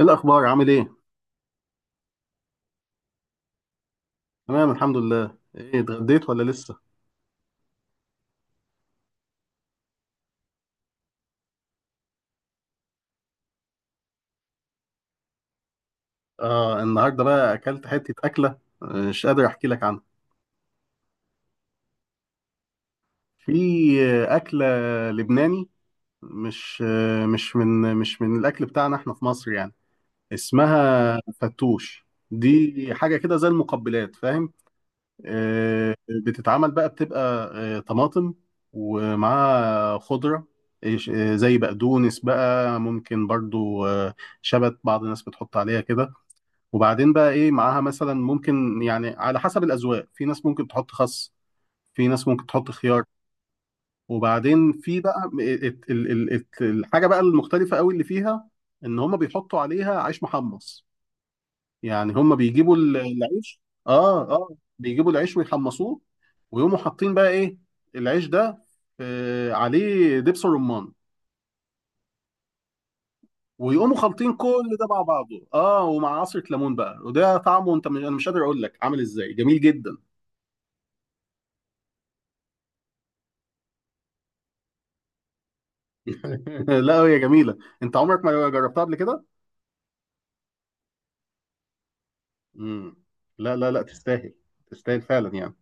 ايه الاخبار، عامل ايه؟ تمام الحمد لله. ايه، اتغديت ولا لسه؟ اه، النهارده بقى اكلت حته اكله، مش قادر احكي لك عنها. في اكله لبناني، مش من الاكل بتاعنا احنا في مصر يعني. اسمها فتوش، دي حاجه كده زي المقبلات، فاهم؟ آه، بتتعمل بقى، بتبقى طماطم، ومعاها خضره، زي بقدونس بقى ممكن برضو، شبت. بعض الناس بتحط عليها كده. وبعدين بقى ايه معاها؟ مثلا ممكن يعني على حسب الاذواق، في ناس ممكن تحط خس، في ناس ممكن تحط خيار. وبعدين في بقى م- إيه، ات- ال- ال- ات- الحاجه بقى المختلفه قوي اللي فيها، ان هم بيحطوا عليها عيش محمص. يعني هم بيجيبوا العيش، اه، اه، بيجيبوا العيش ويحمصوه، ويقوموا حاطين بقى ايه؟ العيش ده عليه دبس الرمان. ويقوموا خلطين كل ده مع بعضه ومع عصرة ليمون بقى، وده طعمه، انا مش قادر اقول لك عامل ازاي، جميل جدا. لا، هي جميلة. انت عمرك ما جربتها قبل كده؟ مم. لا، لا، لا، تستاهل. تستاهل فعلا يعني.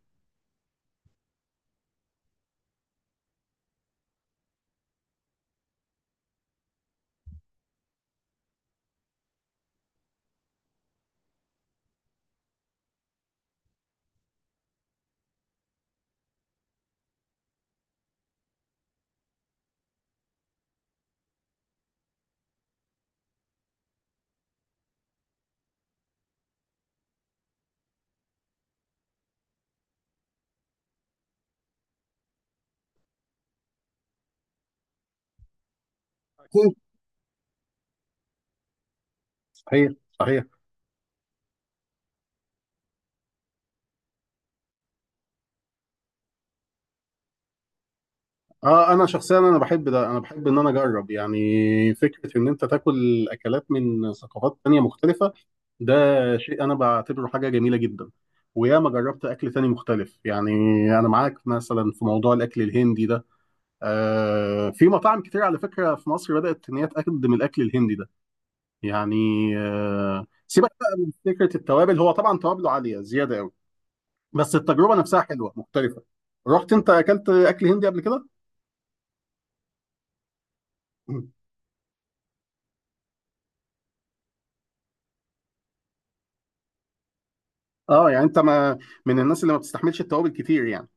أكيد. صحيح. صحيح. اه، انا شخصيا انا بحب ده، انا بحب ان انا اجرب يعني، فكرة ان انت تاكل اكلات من ثقافات تانية مختلفة، ده شيء انا بعتبره حاجة جميلة جدا. وياما جربت اكل تاني مختلف يعني. انا معاك مثلا في موضوع الاكل الهندي ده. في مطاعم كتير على فكرة، في مصر بدأت ان هي تقدم الاكل الهندي ده، يعني. سيبك بقى من فكره التوابل، هو طبعا توابله عاليه زياده قوي. بس التجربه نفسها حلوه مختلفه. رحت انت اكلت اكل هندي قبل كده؟ اه، يعني انت، ما من الناس اللي ما بتستحملش التوابل كتير يعني.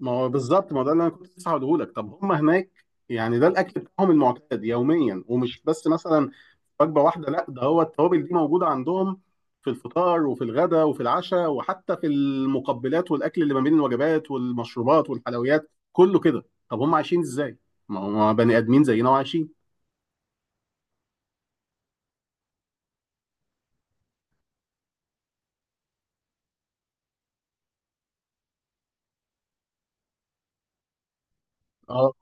ما هو بالظبط، ما هو ده اللي انا كنت لسه هقوله لك، طب هم هناك، يعني ده الاكل بتاعهم المعتاد يوميا، ومش بس مثلا وجبه واحده. لا، ده هو التوابل دي موجوده عندهم في الفطار وفي الغداء وفي العشاء، وحتى في المقبلات والاكل اللي ما بين الوجبات والمشروبات والحلويات كله كده. طب هم عايشين ازاي؟ ما هم بني ادمين زينا وعايشين. اه،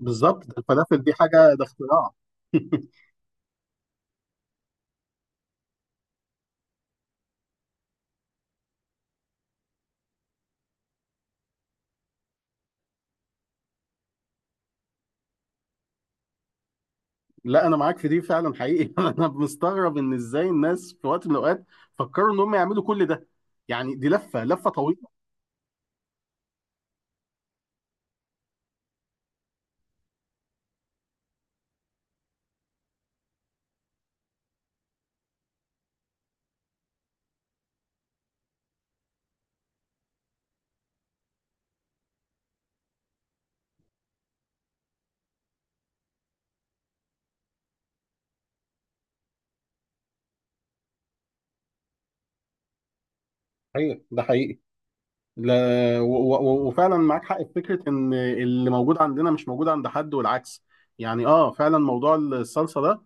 بالظبط، ده الفلافل دي حاجه، ده اختراع. لا، انا معاك في دي فعلا، حقيقي. انا مستغرب ان ازاي الناس في وقت من الاوقات فكروا ان هم يعملوا كل ده، يعني دي لفه لفه طويله. ايوه، ده حقيقي. لا، وفعلا معاك حق في فكره ان اللي موجود عندنا مش موجود عند حد، والعكس. يعني اه، فعلا موضوع الصلصه ده،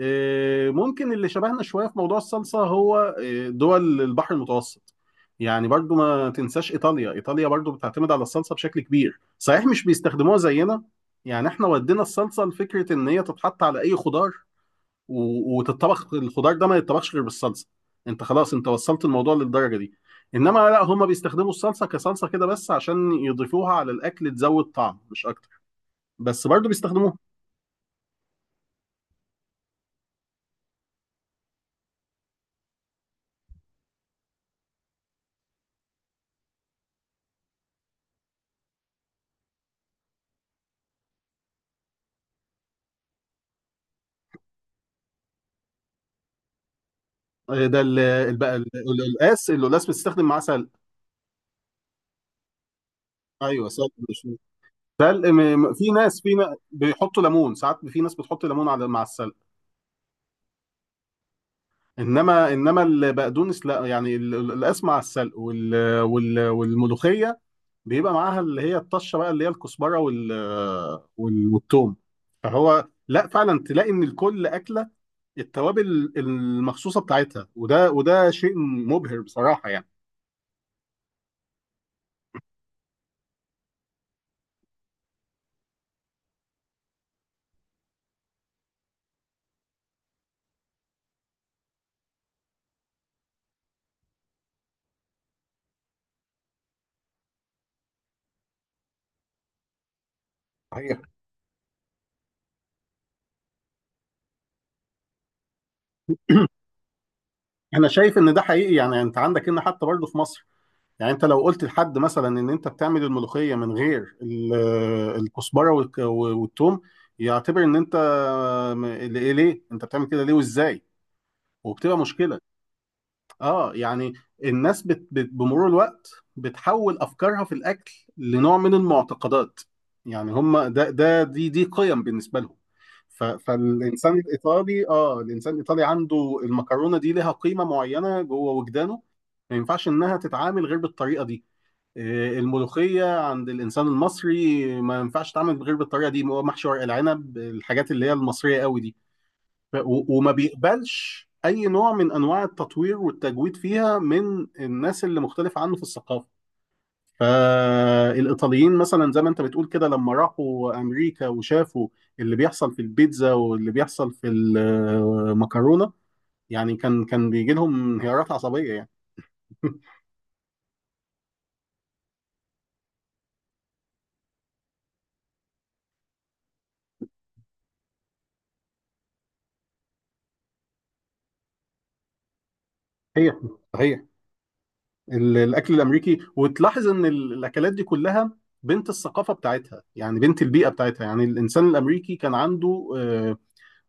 ممكن اللي شبهنا شويه في موضوع الصلصه هو، دول البحر المتوسط. يعني برضو ما تنساش ايطاليا. ايطاليا برضو بتعتمد على الصلصه بشكل كبير، صحيح مش بيستخدموها زينا. يعني احنا ودينا الصلصه لفكره ان هي تتحط على اي خضار، وتتطبخ الخضار ده، ما يتطبخش غير بالصلصه. انت خلاص، انت وصلت الموضوع للدرجه دي. انما لا، هم بيستخدموا الصلصه كصلصه كده بس، عشان يضيفوها على الاكل تزود طعم مش اكتر. بس برضو بيستخدموها. ده بقى القلقاس بتستخدم معاه سلق. ايوه، سلق، مش سلق. في ناس، بيحطوا ليمون ساعات، في ناس بتحط ليمون مع السلق. انما، البقدونس لا، يعني القلقاس مع السلق والملوخيه بيبقى معاها اللي هي الطشه بقى، اللي هي الكزبره والثوم. فهو لا، فعلا تلاقي ان الكل اكله، التوابل المخصوصه بتاعتها، وده شيء مبهر بصراحه يعني. صحيح. انا شايف ان ده حقيقي، يعني انت عندك هنا حتى برضه في مصر. يعني انت لو قلت لحد مثلا ان انت بتعمل الملوخيه من غير الكزبره والثوم، يعتبر ان انت، ليه انت بتعمل كده، ليه وازاي؟ وبتبقى مشكله. اه، يعني الناس بمرور الوقت بتحول افكارها في الاكل لنوع من المعتقدات. يعني هم، ده ده دي دي قيم بالنسبه لهم. فالانسان الايطالي اه الانسان الايطالي عنده المكرونه دي لها قيمه معينه جوه وجدانه. ما ينفعش انها تتعامل غير بالطريقه دي. الملوخيه عند الانسان المصري ما ينفعش تتعامل غير بالطريقه دي، هو محشي ورق العنب، الحاجات اللي هي المصريه قوي دي، وما بيقبلش اي نوع من انواع التطوير والتجويد فيها من الناس اللي مختلفه عنه في الثقافه. فالايطاليين مثلا زي ما انت بتقول كده، لما راحوا امريكا وشافوا اللي بيحصل في البيتزا واللي بيحصل في المكرونه، يعني كان بيجي لهم انهيارات عصبيه يعني. صحيح. صحيح. الاكل الامريكي، وتلاحظ ان الاكلات دي كلها بنت الثقافه بتاعتها، يعني بنت البيئه بتاعتها. يعني الانسان الامريكي كان عنده، آه،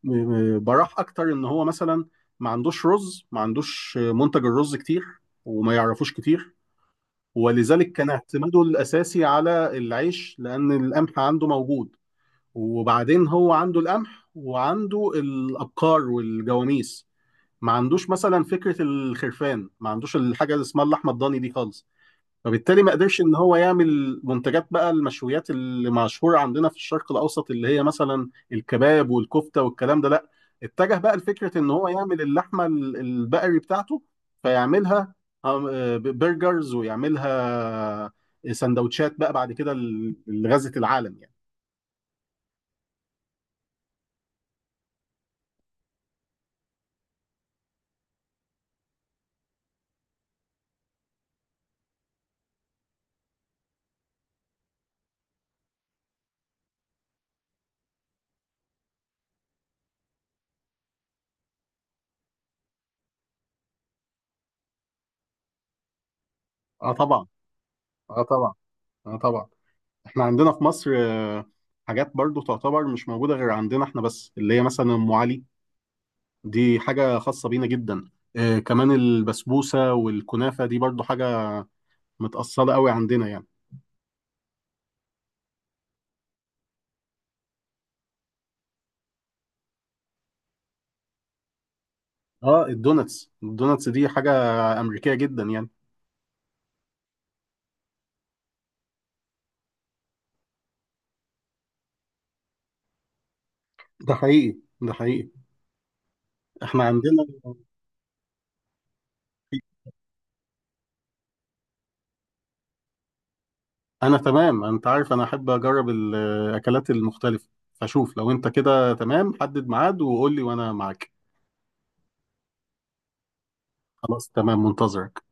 م- براح اكتر ان هو مثلا ما عندوش رز، ما عندوش منتج الرز كتير، وما يعرفوش كتير. ولذلك كان اعتماده الاساسي على العيش، لان القمح عنده موجود. وبعدين هو عنده القمح، وعنده الابقار والجواميس. ما عندوش مثلا فكرة الخرفان، ما عندوش الحاجة اللي اسمها اللحمة الضاني دي خالص. فبالتالي ما قدرش ان هو يعمل منتجات بقى المشويات اللي مشهوره عندنا في الشرق الاوسط، اللي هي مثلا الكباب والكفته والكلام ده، لا. اتجه بقى لفكره ان هو يعمل اللحمه البقري بتاعته، فيعملها برجرز ويعملها سندوتشات بقى بعد كده، لغزة العالم يعني. اه، طبعا. اه، طبعا. اه، طبعا. احنا عندنا في مصر، حاجات برضو تعتبر مش موجوده غير عندنا احنا بس، اللي هي مثلا ام علي، دي حاجة خاصة بينا جدا. كمان البسبوسة والكنافة دي برضو حاجة متأصلة قوي عندنا يعني. اه، الدوناتس دي حاجة أمريكية جدا يعني. ده حقيقي، ده حقيقي. احنا عندنا. أنا تمام، أنت عارف أنا أحب أجرب الأكلات المختلفة. فشوف، لو أنت كده تمام، حدد ميعاد وقول لي وأنا معاك. خلاص، تمام، منتظرك.